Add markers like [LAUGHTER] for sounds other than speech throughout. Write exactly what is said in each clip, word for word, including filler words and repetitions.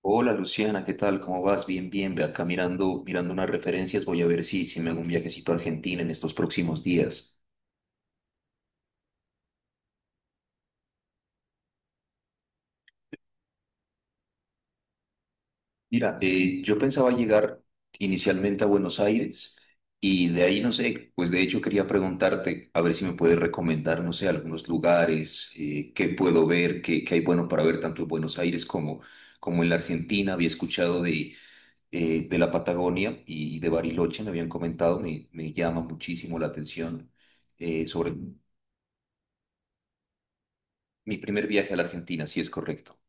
Hola Luciana, ¿qué tal? ¿Cómo vas? Bien, bien. Ve acá mirando, mirando unas referencias. Voy a ver si, si me hago un viajecito a Argentina en estos próximos días. Mira, eh, yo pensaba llegar inicialmente a Buenos Aires, y de ahí no sé, pues de hecho quería preguntarte a ver si me puedes recomendar, no sé, algunos lugares, eh, qué puedo ver, qué, qué hay bueno para ver tanto en Buenos Aires como, como en la Argentina. Había escuchado de, eh, de la Patagonia y de Bariloche, me habían comentado, me, me llama muchísimo la atención eh, sobre. Mi primer viaje a la Argentina, sí es correcto.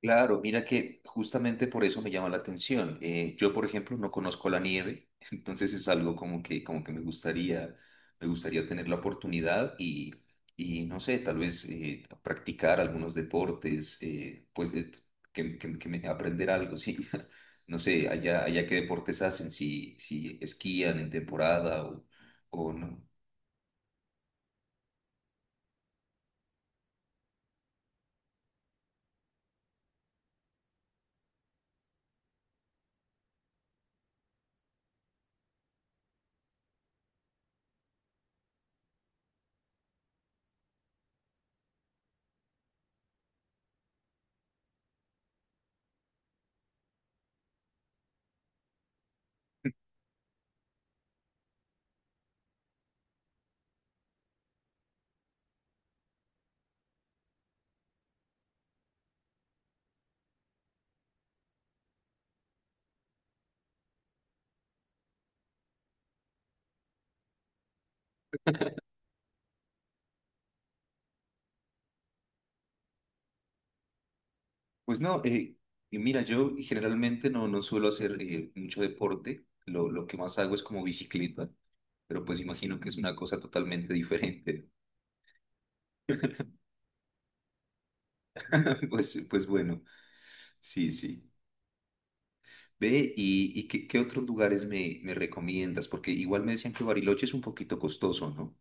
Claro, mira que justamente por eso me llama la atención. Eh, yo, por ejemplo, no conozco la nieve, [LAUGHS] entonces es algo como que, como que me gustaría, me gustaría tener la oportunidad y, y no sé, tal vez eh, practicar algunos deportes, eh, pues eh, que, que- que me- aprender algo, sí. [LAUGHS] No sé, allá, allá qué deportes hacen, si, si esquían en temporada o, o no. Pues no, eh, y mira, yo generalmente no, no suelo hacer eh, mucho deporte, lo, lo que más hago es como bicicleta, pero pues imagino que es una cosa totalmente diferente. [LAUGHS] Pues, pues bueno, sí, sí. Ve, ¿y, y qué, qué otros lugares me, me recomiendas? Porque igual me decían que Bariloche es un poquito costoso, ¿no?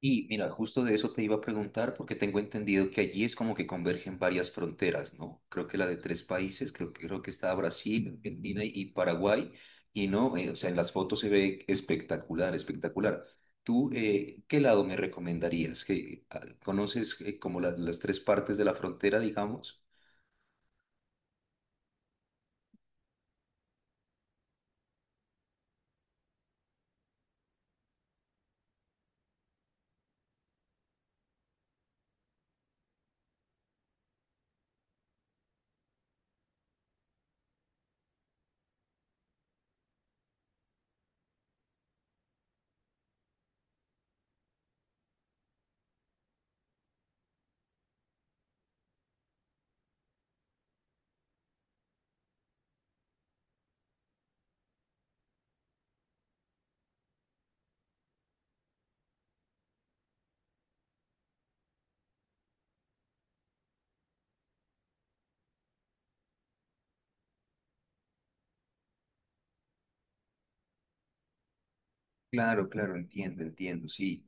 Y mira, justo de eso te iba a preguntar porque tengo entendido que allí es como que convergen varias fronteras, ¿no? Creo que la de tres países, creo que creo que está Brasil, Argentina y Paraguay, y no. Eh, o sea, en las fotos se ve espectacular, espectacular. ¿Tú eh, qué lado me recomendarías? ¿Que ah, conoces eh, como la- las tres partes de la frontera, digamos? Claro, claro, entiendo, entiendo, sí.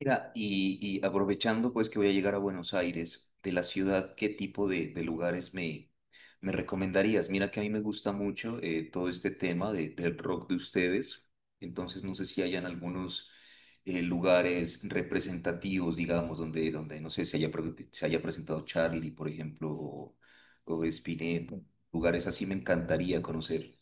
Mira, y, y aprovechando pues que voy a llegar a Buenos Aires, de la ciudad, ¿qué tipo de, de lugares me, me recomendarías? Mira que a mí me gusta mucho eh, todo este tema de- del rock de ustedes, entonces no sé si hayan algunos eh, lugares representativos, digamos, donde, donde no sé, se haya, pre- se haya presentado Charlie, por ejemplo, o, o Spinetta, lugares así me encantaría conocer.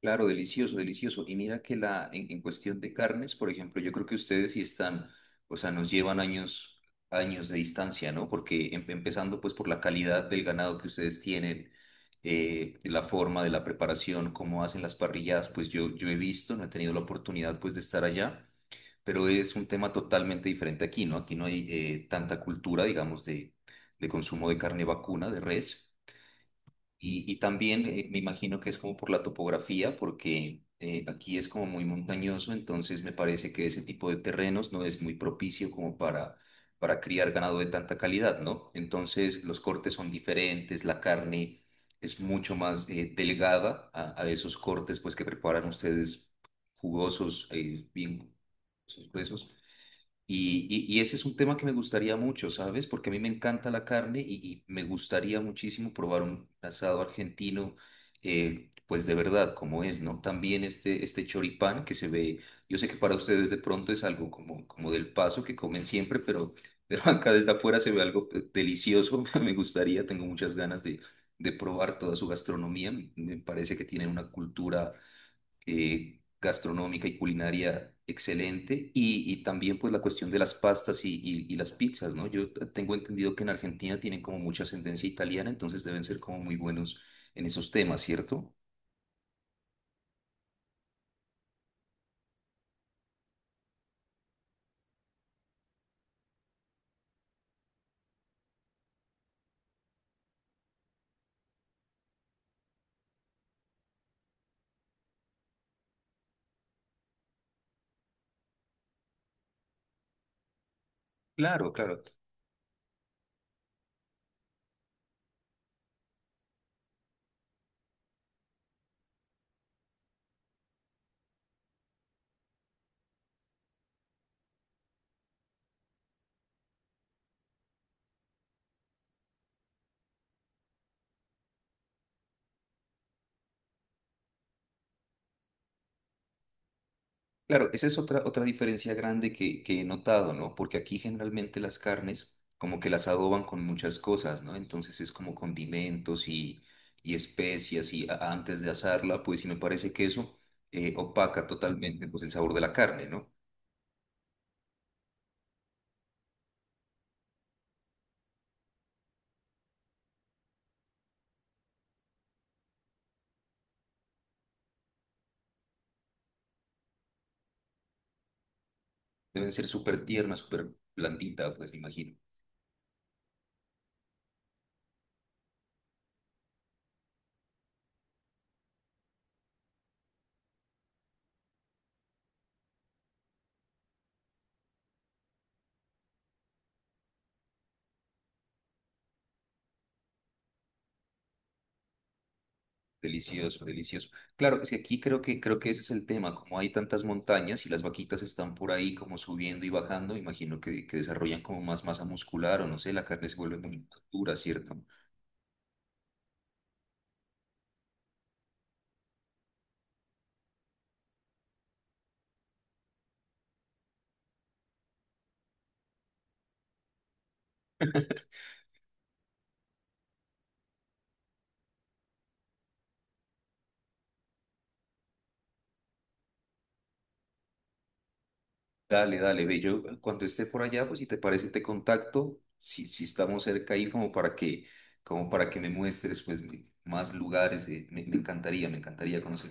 Claro, delicioso, delicioso. Y mira que la, en, en cuestión de carnes, por ejemplo, yo creo que ustedes sí están, o sea, nos llevan años, años de distancia, ¿no? Porque em- empezando pues por la calidad del ganado que ustedes tienen, eh, de la forma de la preparación, cómo hacen las parrilladas, pues yo, yo he visto, no he tenido la oportunidad pues de estar allá, pero es un tema totalmente diferente aquí, ¿no? Aquí no hay eh, tanta cultura, digamos, de, de consumo de carne vacuna, de res. Y, y también eh, me imagino que es como por la topografía, porque eh, aquí es como muy montañoso, entonces me parece que ese tipo de terrenos no es muy propicio como para, para criar ganado de tanta calidad, ¿no? Entonces los cortes son diferentes, la carne es mucho más eh, delgada a, a esos cortes pues que preparan ustedes jugosos, eh, bien pues, gruesos. Y, y- y ese es un tema que me gustaría mucho, ¿sabes? Porque a mí me encanta la carne y, y me gustaría muchísimo probar un asado argentino, eh, pues de verdad, como es, ¿no? También este, este choripán que se ve, yo sé que para ustedes de pronto es algo como, como del paso que comen siempre, pero, pero [LAUGHS] acá desde afuera se ve algo eh, delicioso, [LAUGHS] me gustaría, tengo muchas ganas de, de probar toda su gastronomía, me me parece que tienen una cultura eh, gastronómica y culinaria excelente y, y también pues la cuestión de las pastas y, y- y las pizzas, ¿no? Yo t- tengo entendido que en Argentina tienen como mucha ascendencia italiana, entonces deben ser como muy buenos en esos temas, ¿cierto? Claro, claro. Claro, esa es otra, otra diferencia grande que, que he notado, ¿no? Porque aquí generalmente las carnes como que las adoban con muchas cosas, ¿no? Entonces es como condimentos y, y especias y a- antes de asarla, pues sí me parece que eso eh, opaca totalmente pues el sabor de la carne, ¿no? Deben ser súper tierna, súper blandita, pues me imagino. Delicioso, delicioso. Claro, es que aquí creo que creo que ese es el tema, como hay tantas montañas y las vaquitas están por ahí como subiendo y bajando, imagino que, que desarrollan como más masa muscular o no sé, la carne se vuelve muy más dura, ¿cierto? Dale, dale, ve, yo cuando esté por allá, pues si te parece te contacto, si, si estamos cerca ahí como para que como para que me muestres pues me- más lugares, eh, me, me encantaría, me encantaría conocer.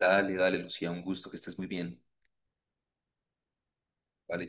Dale, dale, Lucía, un gusto, que estés muy bien. Vale.